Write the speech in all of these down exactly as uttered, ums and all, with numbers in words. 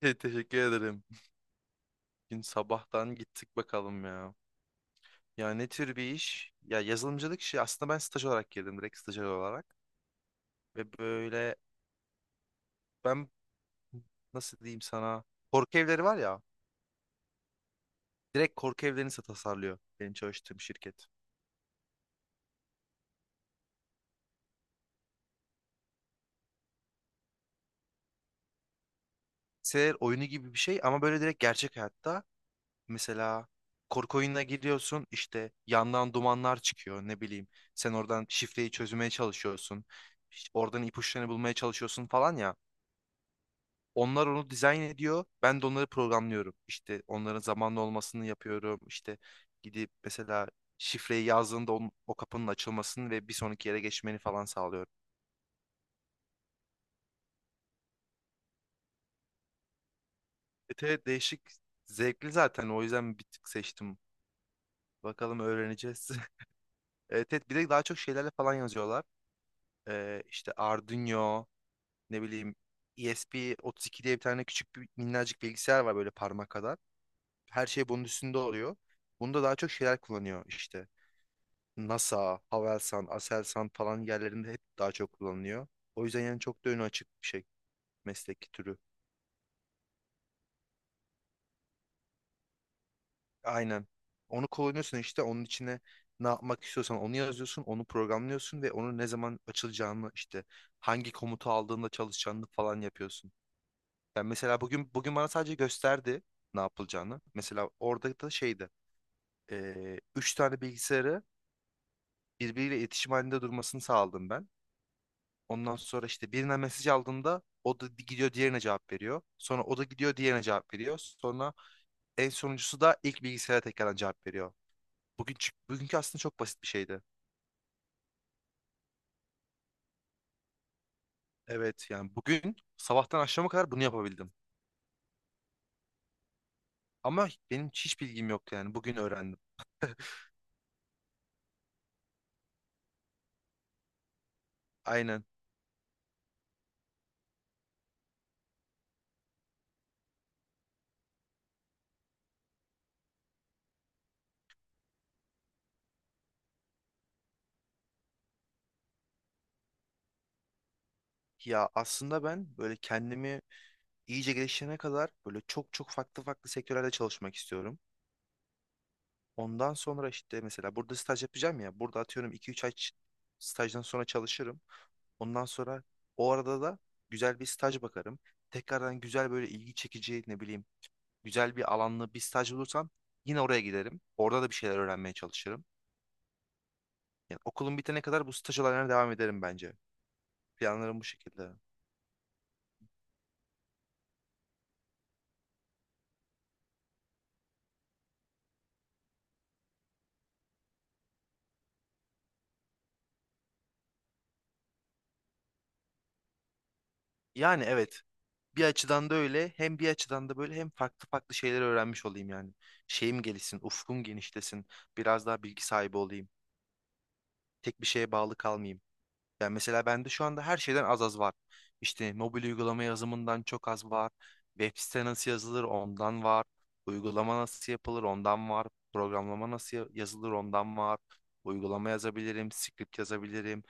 Te- Teşekkür ederim. Gün sabahtan gittik bakalım ya. Ya ne tür bir iş? Ya yazılımcılık işi aslında ben staj olarak girdim direkt stajyer olarak. Ve böyle ben nasıl diyeyim sana korku evleri var ya direkt korku evlerini sa- tasarlıyor benim çalıştığım şirket. Bilgisayar oyunu gibi bir şey ama böyle direkt gerçek hayatta mesela korku oyununa giriyorsun işte yandan dumanlar çıkıyor ne bileyim sen oradan şifreyi çözmeye çalışıyorsun. İşte oradan ipuçlarını bulmaya çalışıyorsun falan ya. Onlar onu dizayn ediyor. Ben de onları programlıyorum. İşte onların zamanlı olmasını yapıyorum. İşte gidip mesela şifreyi yazdığında onun- o kapının açılmasını ve bir sonraki yere geçmeni falan sağlıyorum. Evet, evet değişik. Zevkli zaten. O yüzden bir tık seçtim. Bakalım öğreneceğiz. Evet, evet bir de daha çok şeylerle falan yazıyorlar. Ee, işte Arduino, ne bileyim E S P otuz iki diye bir tane küçük bir minnacık bilgisayar var böyle parmak kadar. Her şey bunun üstünde oluyor. Bunda daha çok şeyler kullanıyor işte. NASA, Havelsan, Aselsan falan yerlerinde hep daha çok kullanılıyor. O yüzden yani çok da önü açık bir şey meslek türü. Aynen. Onu kullanıyorsun işte onun içine ne yapmak istiyorsan onu yazıyorsun, onu programlıyorsun ve onun ne zaman açılacağını işte hangi komutu aldığında çalışacağını falan yapıyorsun. Yani mesela bugün bugün bana sadece gösterdi ne yapılacağını. Mesela orada da şeydi. Eee üç tane bilgisayarı birbiriyle iletişim halinde durmasını sağladım ben. Ondan sonra işte birine mesaj aldığında o da gidiyor diğerine cevap veriyor. Sonra o da gidiyor diğerine cevap veriyor. Sonra en sonuncusu da ilk bilgisayara tekrardan cevap veriyor. Bugün çık- bugünkü aslında çok basit bir şeydi. Evet yani bugün sabahtan akşama kadar bunu yapabildim. Ama benim hiç bilgim yoktu yani bugün öğrendim. Aynen. Ya aslında ben böyle kendimi iyice geliştirene kadar böyle çok çok farklı farklı sektörlerde çalışmak istiyorum. Ondan sonra işte mesela burada staj yapacağım ya. Burada atıyorum iki üç ay ç- stajdan sonra çalışırım. Ondan sonra o arada da güzel bir staj bakarım. Tekrardan güzel böyle ilgi çekici ne bileyim güzel bir alanlı bir staj bulursam yine oraya giderim. Orada da bir şeyler öğrenmeye çalışırım. Yani okulum bitene kadar bu staj olaylarına devam ederim bence. Planlarım bu şekilde. Yani evet bir açıdan da öyle hem bir açıdan da böyle hem farklı farklı şeyler öğrenmiş olayım yani. Şeyim gelişsin, ufkum genişlesin, biraz daha bilgi sahibi olayım. Tek bir şeye bağlı kalmayayım. Yani mesela bende şu anda her şeyden az az var. İşte mobil uygulama yazımından çok az var. Web site nasıl yazılır ondan var. Uygulama nasıl yapılır ondan var. Programlama nasıl ya- yazılır ondan var. Uygulama yazabilirim, script yazabilirim.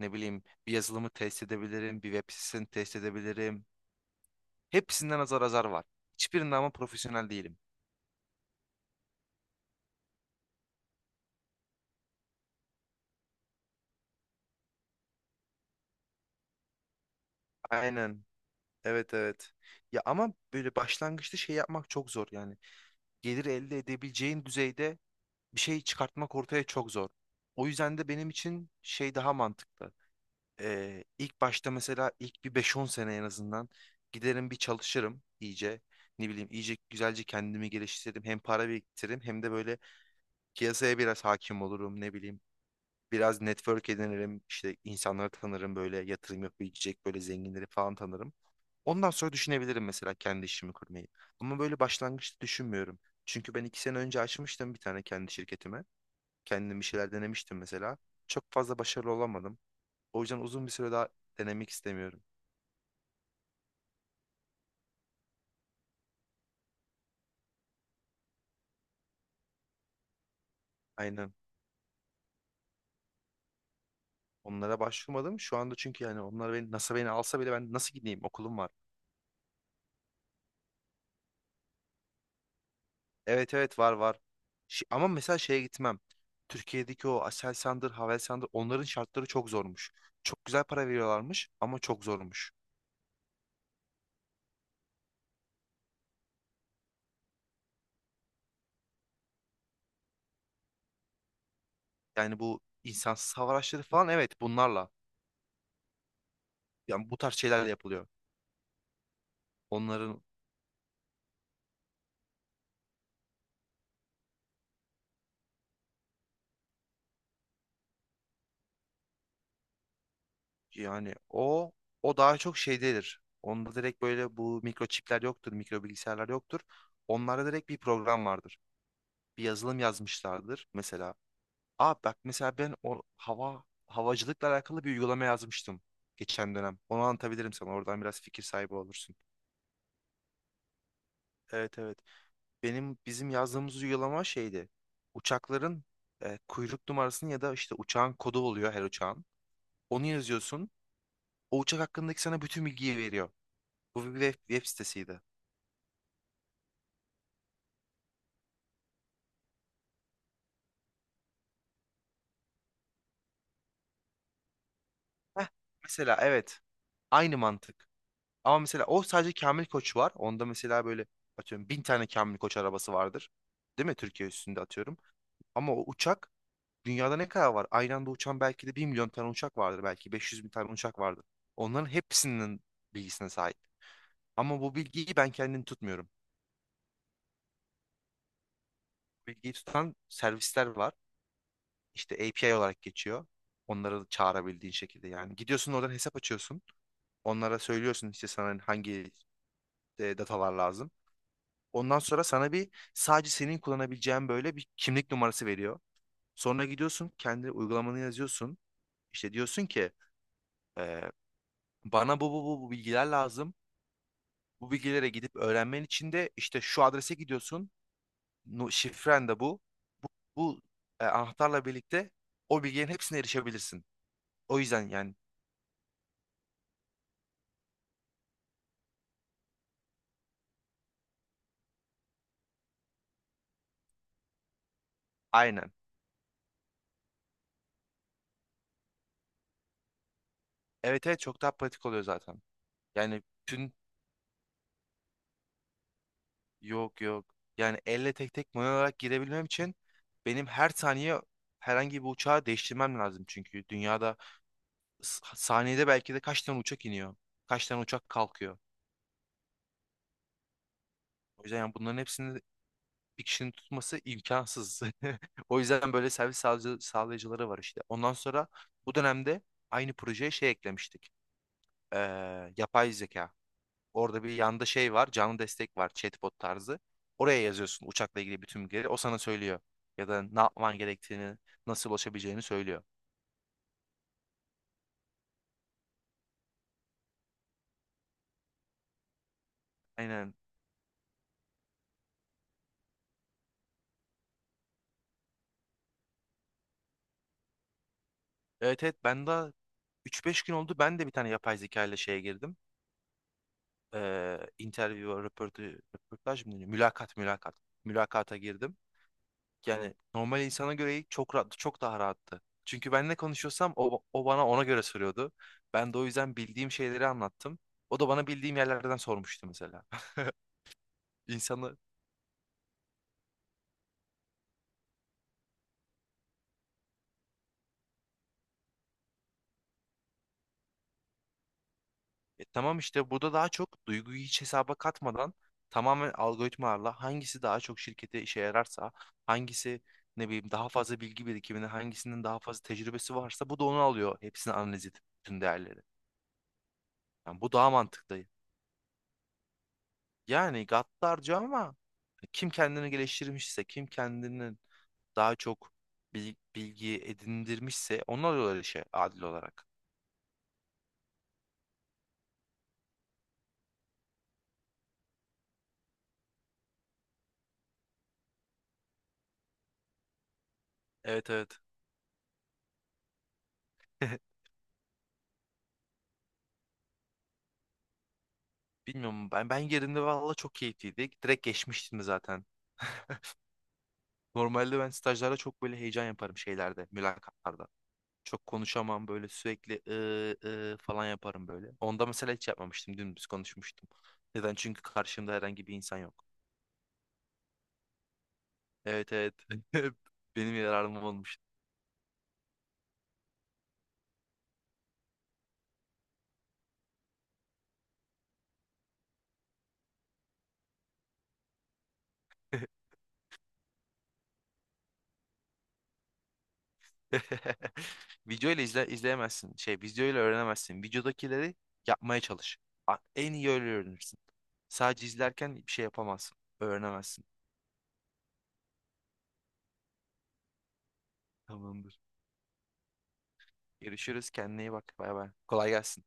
Ne bileyim bir yazılımı test edebilirim, bir web sitesini test edebilirim. Hepsinden azar azar var. Hiçbirinde ama profesyonel değilim. Aynen. Evet, evet. Ya ama böyle başlangıçta şey yapmak çok zor yani. Gelir elde edebileceğin düzeyde bir şey çıkartmak ortaya çok zor. O yüzden de benim için şey daha mantıklı. Ee, ilk başta mesela ilk bir beş-on sene en azından giderim bir çalışırım iyice. Ne bileyim iyice güzelce kendimi geliştiririm. Hem para biriktiririm hem de böyle piyasaya biraz hakim olurum ne bileyim. Biraz network edinirim işte insanları tanırım böyle yatırım yapabilecek böyle zenginleri falan tanırım. Ondan sonra düşünebilirim mesela kendi işimi kurmayı. Ama böyle başlangıçta düşünmüyorum. Çünkü ben iki sene önce açmıştım bir tane kendi şirketimi. Kendim bir şeyler denemiştim mesela. Çok fazla başarılı olamadım. O yüzden uzun bir süre daha denemek istemiyorum. Aynen. Onlara başvurmadım. Şu anda çünkü yani onlar beni, NASA beni alsa bile ben nasıl gideyim? Okulum var. Evet evet var var. Şi- ama mesela şeye gitmem. Türkiye'deki o Aselsan'dır, Havelsan'dır onların şartları çok zormuş. Çok güzel para veriyorlarmış ama çok zormuş. Yani bu insansız hava araçları falan evet bunlarla. Yani bu tarz şeylerle yapılıyor. Onların Yani o o daha çok şeydedir. Onda direkt böyle bu mikroçipler yoktur, mikro bilgisayarlar yoktur. Onlarda direkt bir program vardır. Bir yazılım yazmışlardır mesela. Aa bak mesela ben o hava havacılıkla alakalı bir uygulama yazmıştım geçen dönem. Onu anlatabilirim sana. Oradan biraz fikir sahibi olursun. Evet, evet. Benim bizim yazdığımız uygulama şeydi. Uçakların e, kuyruk numarasını ya da işte uçağın kodu oluyor her uçağın. Onu yazıyorsun. O uçak hakkındaki sana bütün bilgiyi veriyor. Bu bir web, web sitesiydi. Heh, mesela evet. Aynı mantık. Ama mesela o sadece Kamil Koç var. Onda mesela böyle atıyorum bin tane Kamil Koç arabası vardır. Değil mi? Türkiye üstünde atıyorum. Ama o uçak dünyada ne kadar var? Aynı anda uçan belki de bir milyon tane uçak vardır. Belki beş yüz bin tane uçak vardır. Onların hepsinin bilgisine sahip. Ama bu bilgiyi ben kendim tutmuyorum. Bilgiyi tutan servisler var. İşte A P I olarak geçiyor. Onları çağırabildiğin şekilde yani. Gidiyorsun oradan hesap açıyorsun. Onlara söylüyorsun işte sana hangi e, datalar lazım. Ondan sonra sana bir sadece senin kullanabileceğin böyle bir kimlik numarası veriyor. Sonra gidiyorsun kendi uygulamanı yazıyorsun. İşte diyorsun ki e, bana bu, bu bu bu bilgiler lazım. Bu bilgilere gidip öğrenmen için de işte şu adrese gidiyorsun. Nu- Şifren de bu. Bu e, anahtarla birlikte o bilgilerin hepsine erişebilirsin. O yüzden yani aynen. Evet evet çok daha pratik oluyor zaten. Yani tüm Yok, yok. Yani elle tek tek manuel olarak girebilmem için benim her saniye herhangi bir uçağı değiştirmem lazım çünkü dünyada s- saniyede belki de kaç tane uçak iniyor, kaç tane uçak kalkıyor. O yüzden yani bunların hepsini bir kişinin tutması imkansız. O yüzden böyle servis sağlayıcı- sağlayıcıları var işte. Ondan sonra bu dönemde aynı projeye şey eklemiştik. Ee, Yapay zeka. Orada bir yanda şey var, canlı destek var, chatbot tarzı. Oraya yazıyorsun uçakla ilgili bütün bilgileri. O sana söylüyor. Ya da ne yapman gerektiğini, nasıl ulaşabileceğini söylüyor. Aynen. Evet evet ben daha üç beş gün oldu. Ben de bir tane yapay zeka ile şeye girdim. Ee, interview, röportaj, röportaj mı deniyor? Mülakat, mülakat. Mülakata girdim. Yani normal insana göre çok rahat, çok daha rahattı. Çünkü ben ne konuşuyorsam o, o bana ona göre soruyordu. Ben de o yüzden bildiğim şeyleri anlattım. O da bana bildiğim yerlerden sormuştu mesela. İnsanı E, tamam işte burada daha çok duyguyu hiç hesaba katmadan tamamen algoritmalarla hangisi daha çok şirkete işe yararsa, hangisi ne bileyim daha fazla bilgi birikimini, hangisinin daha fazla tecrübesi varsa bu da onu alıyor. Hepsini analiz edip bütün değerleri. Yani bu daha mantıklı. Yani gaddarca ama kim kendini geliştirmişse, kim kendini daha çok bil- bilgi edindirmişse onu alıyorlar işe adil olarak. Evet, evet. Bilmiyorum ben ben yerinde valla çok keyifliydi. Direkt geçmiştim de zaten. Normalde ben stajlarda çok böyle heyecan yaparım şeylerde, mülakatlarda. Çok konuşamam böyle sürekli ıı, ıı falan yaparım böyle. Onda mesela hiç yapmamıştım. Dümdüz konuşmuştum. Neden? Çünkü karşımda herhangi bir insan yok. Evet, evet. Benim yararım olmuş. Video ile izle, izleyemezsin. Şey video ile öğrenemezsin. Videodakileri yapmaya çalış. A- En iyi öyle öğrenirsin. Sadece izlerken bir şey yapamazsın. Öğrenemezsin. Tamamdır. Görüşürüz. Kendine iyi bak. Bay bay. Kolay gelsin.